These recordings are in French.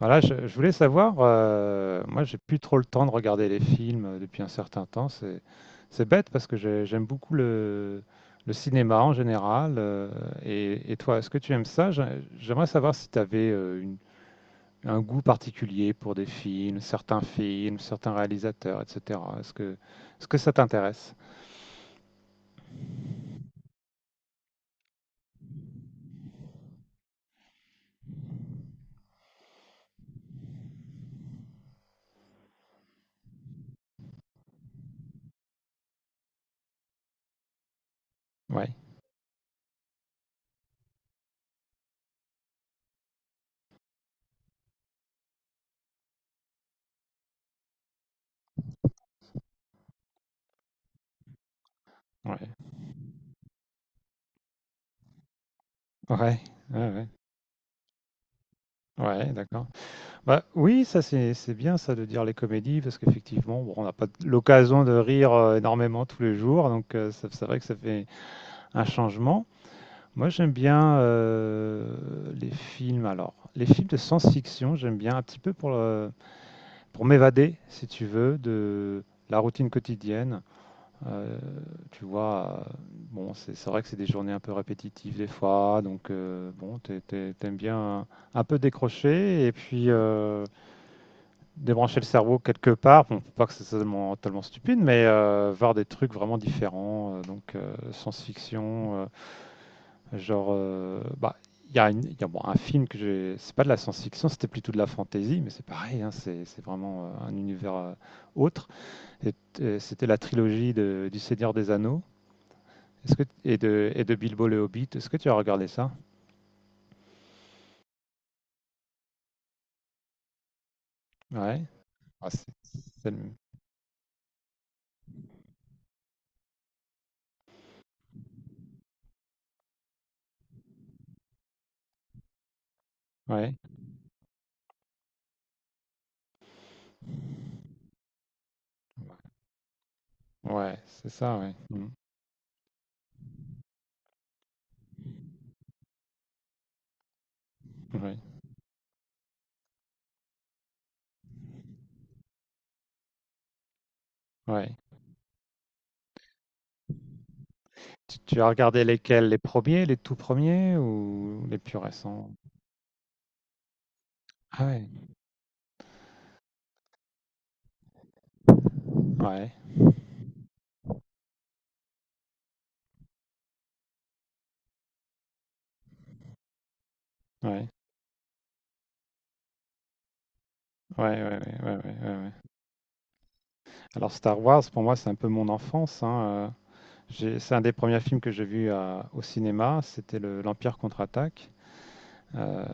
Voilà, je voulais savoir, moi j'ai plus trop le temps de regarder les films depuis un certain temps. C'est bête parce que j'aime beaucoup le cinéma en général. Et toi, est-ce que tu aimes ça? J'aimerais savoir si tu avais un goût particulier pour des films, certains réalisateurs, etc. Est-ce que ça t'intéresse? Ouais, ouais, ouais, ouais, ouais, ouais, d'accord. Bah, oui, ça c'est bien ça de dire les comédies parce qu'effectivement, bon, on n'a pas l'occasion de rire énormément tous les jours, donc c'est vrai que ça fait un changement. Moi, j'aime bien les films. Alors, les films de science-fiction, j'aime bien un petit peu pour pour m'évader, si tu veux, de la routine quotidienne. Euh, tu vois, bon, c'est vrai que c'est des journées un peu répétitives des fois, donc bon, t'aimes bien un peu décrocher et puis, débrancher le cerveau quelque part. Bon, faut pas que c'est totalement, totalement stupide, mais voir des trucs vraiment différents. Donc, science-fiction, genre, il il y a, bon, un film que j'ai. C'est pas de la science-fiction, c'était plutôt de la fantasy, mais c'est pareil, hein, c'est vraiment un univers autre. Et- et c'était la trilogie du Seigneur des Anneaux est-ce que, et de Bilbo le Hobbit. Est-ce que tu as regardé ça? Ouais. Ah, c'est- c'est le- Ouais, ouais, c'est ça, ouais. Mm. Ouais, ouais. Tu as regardé lesquels? Les premiers, les tout premiers ou les plus récents? Ah ouais. Ouais. Ouais. Ouais, ouais, ouais, ouais, ouais, ouais, ouais. Alors Star Wars, pour moi, c'est un peu mon enfance, hein, c'est un des premiers films que j'ai vu au cinéma. C'était l'Empire contre-attaque. euh,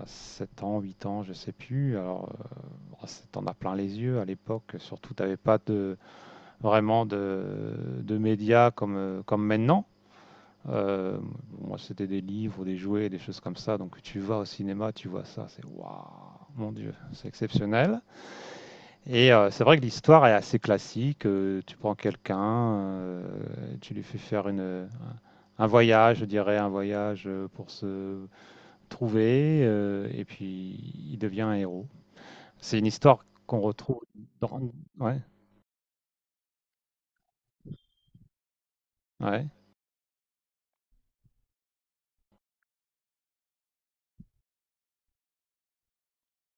à 7 ans, 8 ans, je sais plus. Alors, bon, t'en as plein les yeux à l'époque. Surtout, t'avais pas vraiment de médias comme, comme maintenant. Euh, moi, c'était des livres, des jouets, des choses comme ça. Donc, tu vas au cinéma, tu vois ça, c'est waouh, mon Dieu, c'est exceptionnel. Et c'est vrai que l'histoire est assez classique. Tu prends quelqu'un, tu lui fais faire un voyage, je dirais, un voyage pour se trouver, et puis il devient un héros. C'est une histoire qu'on retrouve dans. Ouais, ouais,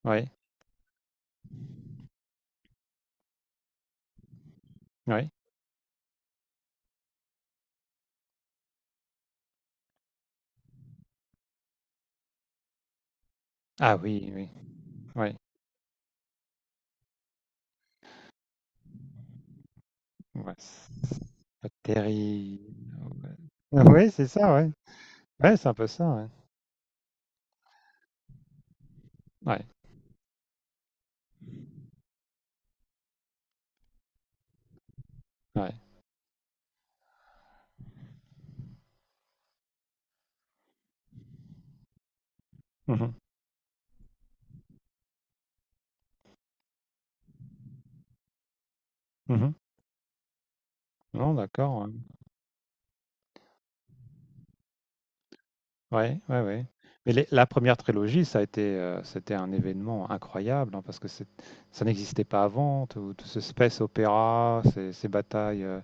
ouais, ouais. Ah oui, oui, oui. Ouais, c'est pas terrible. Ouais. Oui, c'est ça, ouais. Ouais, ouais, c'est un peu ça, ouais. Ouais, ouais. Mhm, mhm. Non, d'accord. Ouais, ouais, ouais, ouais. Mais la première trilogie, ça a été, c'était un événement incroyable, hein, parce que ça n'existait pas avant. Tout, tout ce space opéra,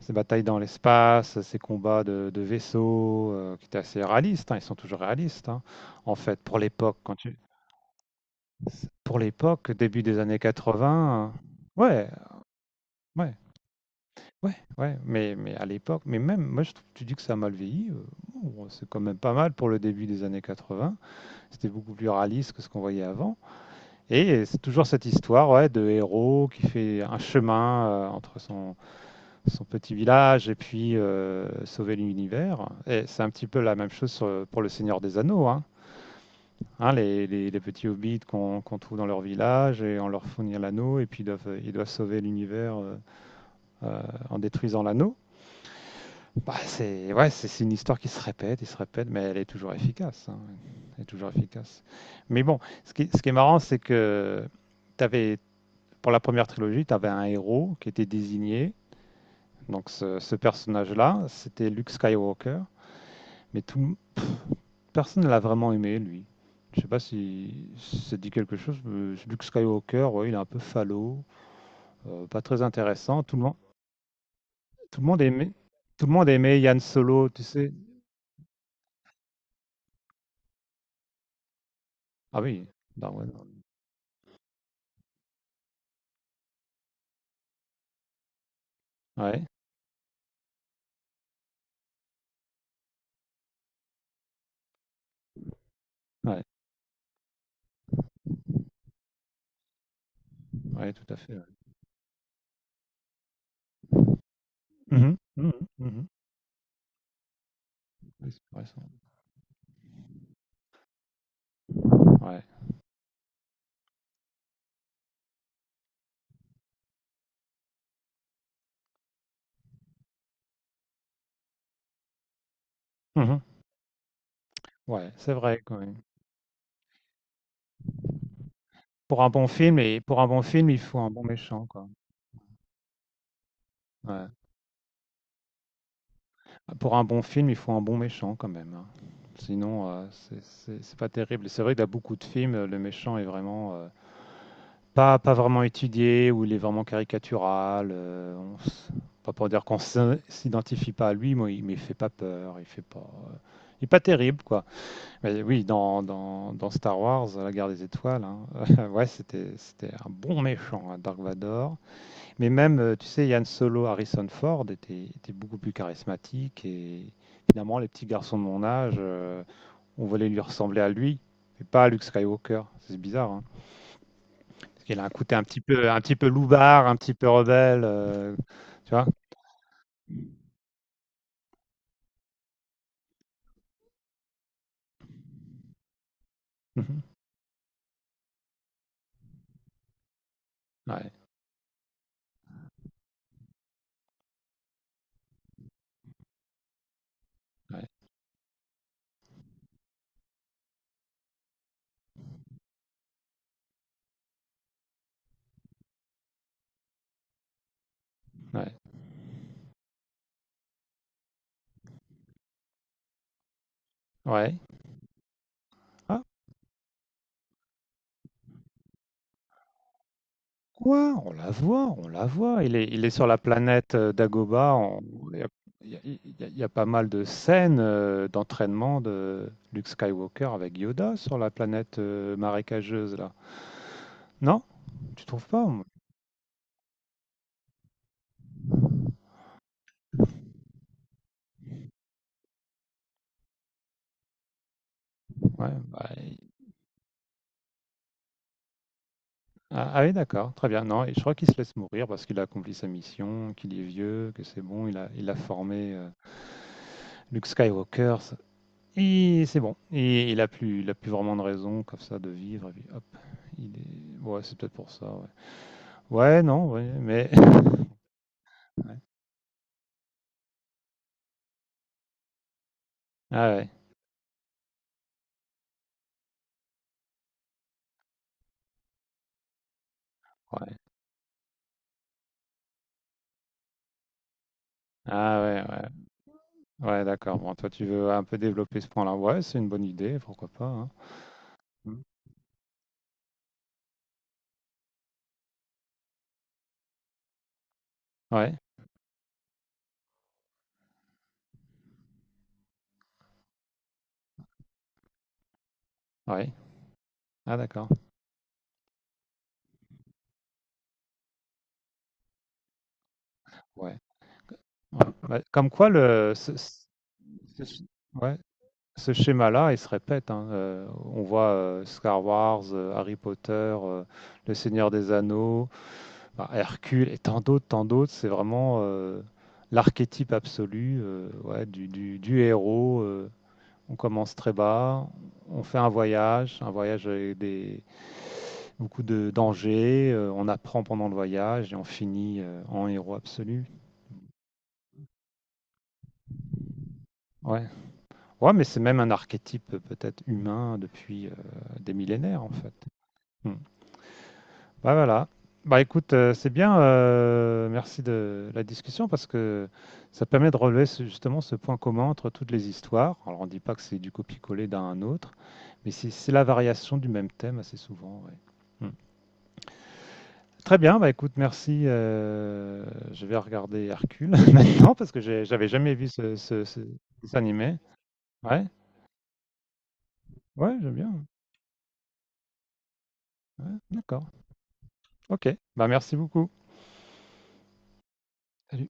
ces batailles dans l'espace, ces combats de vaisseaux, qui étaient assez réalistes. Hein, ils sont toujours réalistes, hein, en fait, pour l'époque. Quand tu C pour l'époque, début des années 80, ouais, ouais, ouais, ouais, mais à l'époque mais même moi je trouve tu dis que ça a mal vieilli, non, c'est quand même pas mal pour le début des années 80. C'était beaucoup plus réaliste que ce qu'on voyait avant et c'est toujours cette histoire, ouais, de héros qui fait un chemin, entre son petit village et puis sauver l'univers et c'est un petit peu la même chose sur, pour Le Seigneur des Anneaux, hein. Hein, les petits hobbits qu'on trouve dans leur village et on leur fournit l'anneau et puis ils ils doivent sauver l'univers euh, en détruisant l'anneau. Bah, c'est ouais, c'est une histoire qui se répète et se répète, mais elle est toujours efficace. Hein. Elle est toujours efficace. Mais bon, ce qui est marrant, c'est que t'avais, pour la première trilogie, tu avais un héros qui était désigné. Donc ce personnage-là, c'était Luke Skywalker. Mais tout, Personne ne l'a vraiment aimé, lui. Je sais pas si ça te dit quelque chose. Luke Skywalker, ouais, il est un peu falot, pas très intéressant. Tout le monde aimait, tout le monde aimait Yann Solo, tu sais. Ah oui, Darwin. Ouais, ouais, ouais, tout à fait, ouais. Mhm, mhm, mhm. Oui, c'est intéressant. Ouais, mhm. Ouais, c'est vrai quand même. Pour un bon film, il faut un bon méchant, quoi. Ouais. Pour un bon film, il faut un bon méchant quand même, hein. Sinon, c'est pas terrible. Et c'est vrai que dans beaucoup de films, le méchant est vraiment, pas vraiment étudié ou il est vraiment caricatural, on s pas pour dire qu'on s'identifie pas à lui, mais il fait pas peur, il fait pas, il est pas terrible, quoi. Mais oui, dans Star Wars, la guerre des étoiles, hein, ouais, c'était un bon méchant, hein, Dark Vador. Mais même, tu sais, Yann Solo, Harrison Ford était beaucoup plus charismatique et finalement, les petits garçons de mon âge, on voulait lui ressembler à lui, mais pas à Luke Skywalker. C'est bizarre, hein. Parce qu'il a un côté un petit peu loubard, un petit peu rebelle, tu vois? Mhm. Ouais, ouais, ouais, ouais. Ah, quoi? On la voit, on la voit. Il est sur la planète Dagobah. Il y a, il y a pas mal de scènes d'entraînement de Luke Skywalker avec Yoda sur la planète marécageuse, là. Non? Tu trouves pas? Moi, ouais, ah, ah oui, d'accord, très bien. Non, et je crois qu'il se laisse mourir parce qu'il a accompli sa mission, qu'il est vieux, que c'est bon, il a formé Luke Skywalker. Et c'est bon. Et il a plus vraiment de raison comme ça de vivre. Et puis hop, il est... Ouais, c'est peut-être pour ça. Ouais, ouais, non, ouais, mais. Ouais. Ah ouais, ouais. Ah ouais, ouais. Ouais, d'accord. Bon, toi, tu veux un peu développer ce point-là. Ouais, c'est une bonne idée, pourquoi pas, hein. Mm. Ouais, ouais. Ah d'accord. Ouais. Ouais. Bah, comme quoi, le, ce- ce- ouais, ce schéma-là, il se répète, hein. On voit Star Wars, Harry Potter, Le Seigneur des Anneaux. Bah, Hercule et tant d'autres, c'est vraiment l'archétype absolu ouais, du héros. On commence très bas, on fait un voyage avec beaucoup de dangers, on apprend pendant le voyage et on finit en héros absolu. Ouais, ouais, mais c'est même un archétype peut-être humain depuis des millénaires en fait. Hmm. Bah voilà. Bah écoute, c'est bien. Merci de la discussion parce que ça permet de relever justement ce point commun entre toutes les histoires. Alors on dit pas que c'est du copier-coller d'un à un autre, mais c'est la variation du même thème assez souvent. Ouais. Hmm. Très bien. Bah écoute, merci. Je vais regarder Hercule maintenant parce que j'avais jamais vu ce dessin animé. Ouais, ouais, j'aime bien. Ouais, d'accord. Ok. Bah merci beaucoup. Salut.